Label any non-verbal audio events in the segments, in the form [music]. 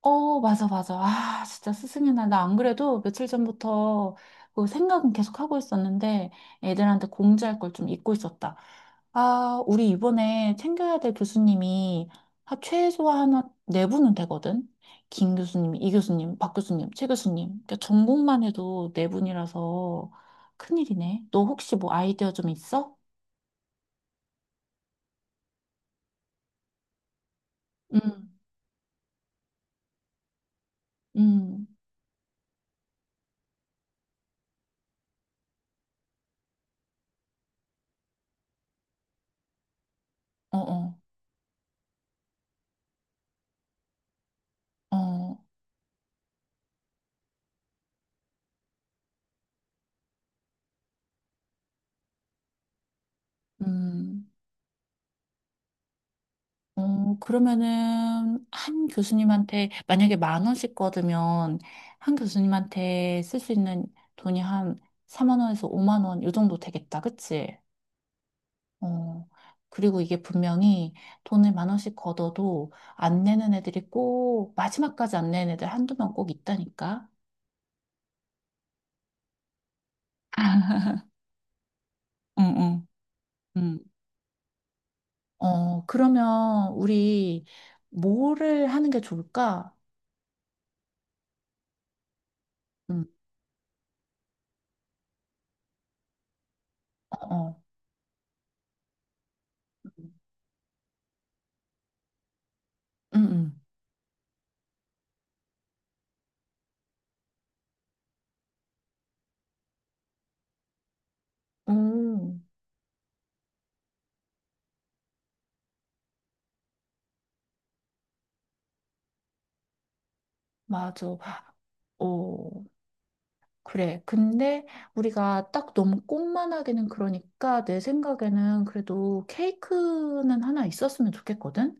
맞아, 맞아. 아, 진짜 스승의 날. 나 안 그래도 며칠 전부터 그 생각은 계속 하고 있었는데 애들한테 공지할 걸 좀 잊고 있었다. 아, 우리 이번에 챙겨야 될 교수님이 한 최소한 한네 분은 되거든. 김 교수님, 이 교수님, 박 교수님, 최 교수님. 그러니까 전공만 해도 네 분이라서 큰일이네. 너 혹시 뭐 아이디어 좀 있어? 응, 응, 어, 어, 어, 음. 그러면은 한 교수님한테 만약에 만 원씩 거두면 한 교수님한테 쓸 수 있는 돈이 한 4만 원에서 5만 원 요 정도 되겠다. 그치? 어. 그리고 이게 분명히 돈을 만 원씩 걷어도 안 내는 애들이 꼭 마지막까지 안 내는 애들 한두 명 꼭 있다니까. 응, 응, 응. 그러면 우리 뭐를 하는 게 좋을까? 응. 어. 어. 응, 응, 오, 맞아. 어, 그래. 근데 우리가 딱 너무 꽃만 하기는 그러니까 내 생각에는 그래도 케이크는 하나 있었으면 좋겠거든?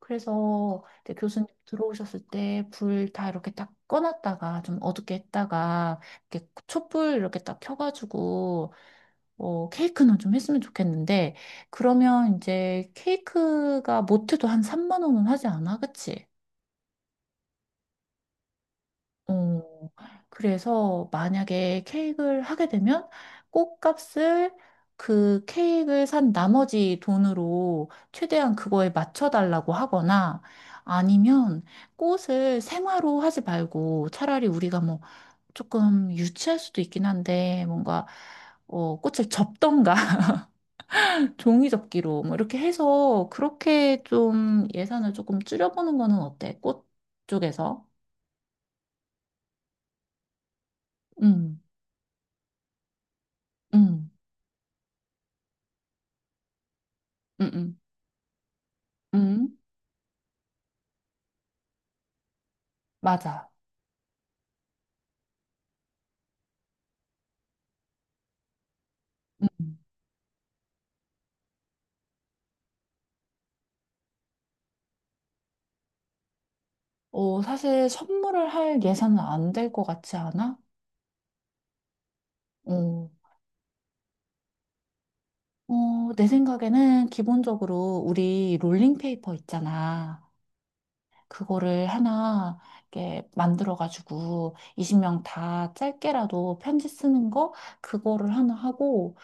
그래서 이제 교수님 들어오셨을 때 불 다 이렇게 딱 꺼놨다가 좀 어둡게 했다가 이렇게 촛불 이렇게 딱 켜가지고 케이크는 좀 했으면 좋겠는데 그러면 이제 케이크가 모트도 한 3만 원은 하지 않아? 그치? 어, 그래서 만약에 케이크를 하게 되면 꽃값을 그 케이크를 산 나머지 돈으로 최대한 그거에 맞춰달라고 하거나 아니면 꽃을 생화로 하지 말고 차라리 우리가 뭐 조금 유치할 수도 있긴 한데 뭔가 꽃을 접던가 [laughs] 종이 접기로 뭐 이렇게 해서 그렇게 좀 예산을 조금 줄여보는 거는 어때? 꽃 쪽에서? 음, 음, 음, 음. 음. 맞아. 음. 사실 선물을 할 예산은 안 될 것 같지 않아? 어, 어, 내 생각에는 기본적으로 우리 롤링페이퍼 있잖아. 그거를 하나 이렇게 만들어가지고 20명 다 짧게라도 편지 쓰는 거 그거를 하나 하고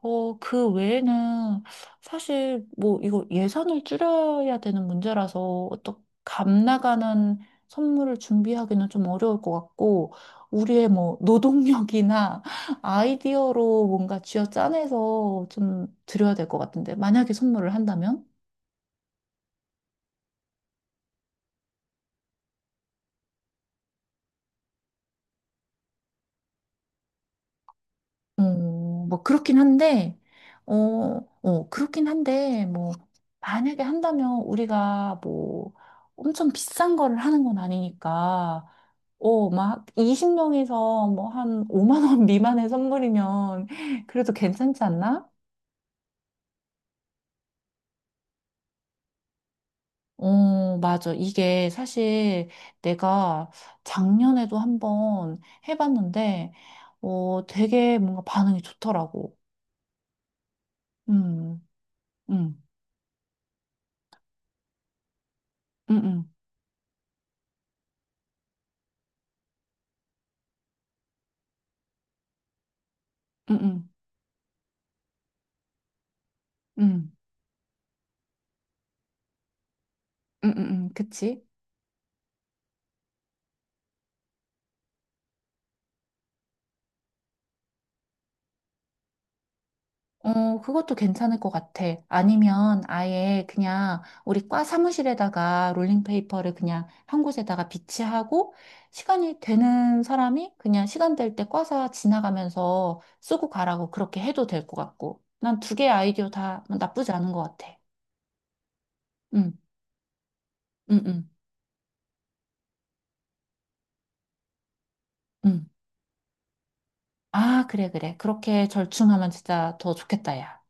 그 외에는 사실 뭐 이거 예산을 줄여야 되는 문제라서 어떤 값 나가는 선물을 준비하기는 좀 어려울 것 같고 우리의 뭐 노동력이나 [laughs] 아이디어로 뭔가 쥐어짜내서 좀 드려야 될 것 같은데 만약에 선물을 한다면? 어, 뭐 그렇긴 한데 어, 어, 그렇긴 한데 뭐 만약에 한다면 우리가 뭐 엄청 비싼 거를 하는 건 아니니까 막 20명에서 뭐 한 5만 원 미만의 선물이면 그래도 괜찮지 않나? 맞아. 이게 사실 내가 작년에도 한번 해봤는데, 되게 뭔가 반응이 좋더라고. 음, 음, 음, 음, 음, 음, 음, 그치? 그것도 괜찮을 것 같아. 아니면 아예 그냥 우리 과 사무실에다가 롤링페이퍼를 그냥 한 곳에다가 비치하고 시간이 되는 사람이 그냥 시간 될 때 과사 지나가면서 쓰고 가라고 그렇게 해도 될 것 같고. 난 두 개의 아이디어 다 나쁘지 않은 것 같아. 응, 응, 응, 응. 아, 그래, 그래. 그렇게 절충하면 진짜 더 좋겠다, 야.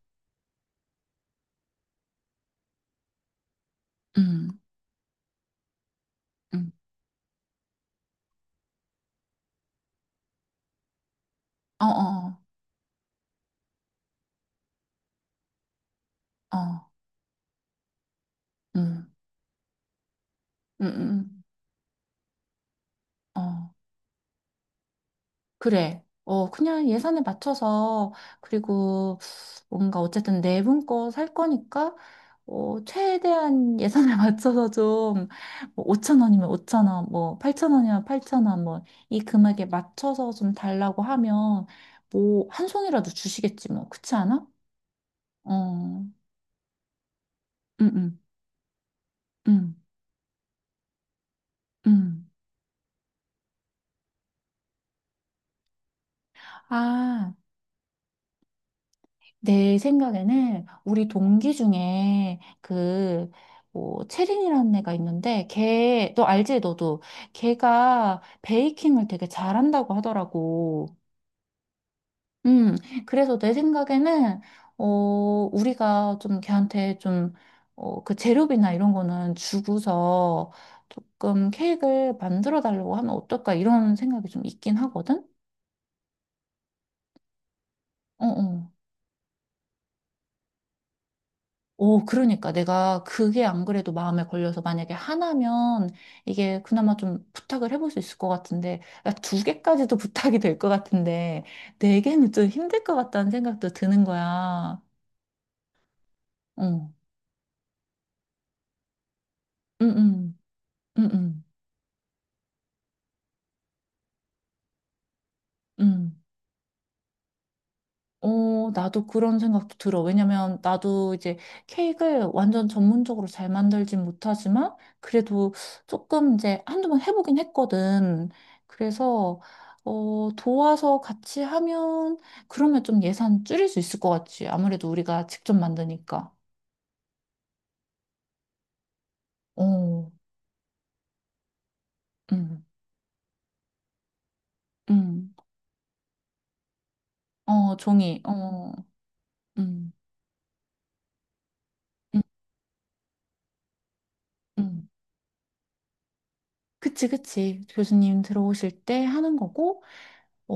응, 응. 어, 어, 어, 어. 응, 응, 응. 어. 그래. 그냥 예산에 맞춰서, 그리고 뭔가 어쨌든 네 분 거 살 거니까, 최대한 예산에 [laughs] 맞춰서 좀, 뭐 5천 원이면 5천 원, 뭐, 팔천 원이면 8천 원, 뭐, 이 금액에 맞춰서 좀 달라고 하면, 뭐, 한 송이라도 주시겠지, 뭐. 그렇지 않아? 어, 응, 응, 응, 응. 아. 내 생각에는 우리 동기 중에 그, 뭐, 채린이라는 애가 있는데, 걔, 너 알지, 너도? 걔가 베이킹을 되게 잘한다고 하더라고. 음, 그래서 내 생각에는, 어, 우리가 좀 걔한테 좀, 그 재료비나 이런 거는 주고서 조금 케이크를 만들어 달라고 하면 어떨까, 이런 생각이 좀 있긴 하거든? 어, 어. 오, 그러니까 내가 그게 안 그래도 마음에 걸려서 만약에 하나면 이게 그나마 좀 부탁을 해볼 수 있을 것 같은데, 야, 두 개까지도 [laughs] 부탁이 될 것 같은데, 네 개는 좀 힘들 것 같다는 생각도 드는 거야. 어, 응, 응, 응, 응, 응. 나도 그런 생각도 들어. 왜냐면 나도 이제 케이크를 완전 전문적으로 잘 만들진 못하지만 그래도 조금 이제 한두 번 해보긴 했거든. 그래서 도와서 같이 하면 그러면 좀 예산 줄일 수 있을 것 같지. 아무래도 우리가 직접 만드니까. 어, 음, 음, 어, 종이, 어, 음, 음, 음. 그치, 그치. 교수님 들어오실 때 하는 거고. 어,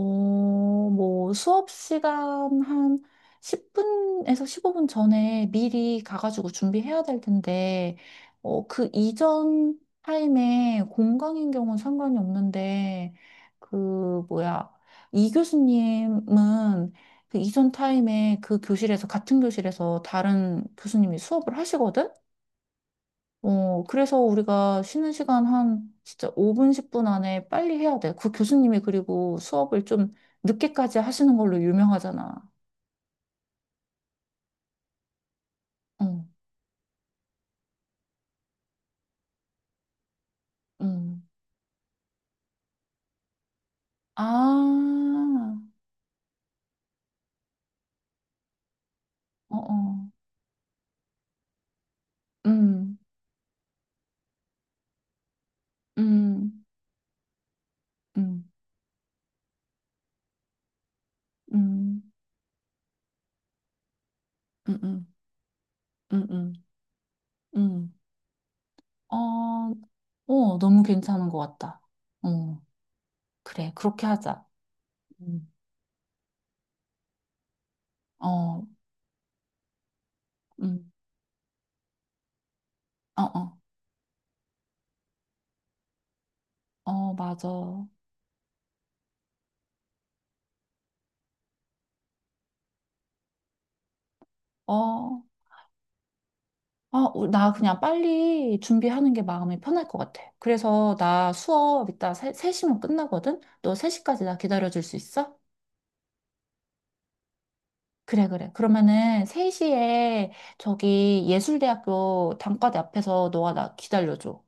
뭐 수업 시간 한 10분에서 15분 전에 미리 가가지고 준비해야 될 텐데, 그 이전 타임에 공강인 경우는 상관이 없는데, 그, 뭐야, 이 교수님은 그 이전 타임에 그 교실에서, 같은 교실에서 다른 교수님이 수업을 하시거든? 그래서 우리가 쉬는 시간 한 진짜 5분, 10분 안에 빨리 해야 돼. 그 교수님이 그리고 수업을 좀 늦게까지 하시는 걸로 유명하잖아. 어, 음. 아, 어, 어. 음, 음, 음, 음, 음, 음, 음, 음. 음. 어, 어, 너무 괜찮은 것 같다. 어, 그래. 그렇게 하자. 음. 어, 음. 어, 어. 어, 맞아. 어. 아, 우- 나 그냥 빨리 준비하는 게 마음이 편할 것 같아. 그래서 나 수업 이따 세, 3시면 끝나거든? 너 3시까지 나 기다려줄 수 있어? 그래, 그래. 그러면은 3시에 저기 예술대학교 단과대 앞에서 너가 나 기다려줘.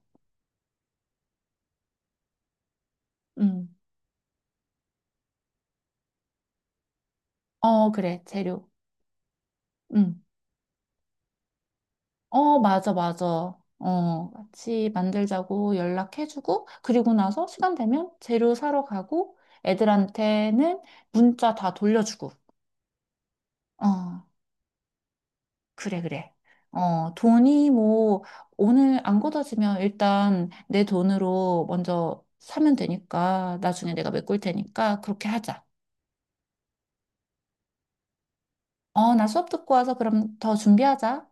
응. 어, 그래. 재료. 응. 어, 맞아, 맞아. 같이 만들자고 연락해주고, 그리고 나서 시간 되면 재료 사러 가고, 애들한테는 문자 다 돌려주고. 어. 그래, 그래. 어, 돈이 뭐, 오늘 안 걷어지면 일단 내 돈으로 먼저 사면 되니까, 나중에 내가 메꿀 테니까, 그렇게 하자. 나 수업 듣고 와서 그럼 더 준비하자.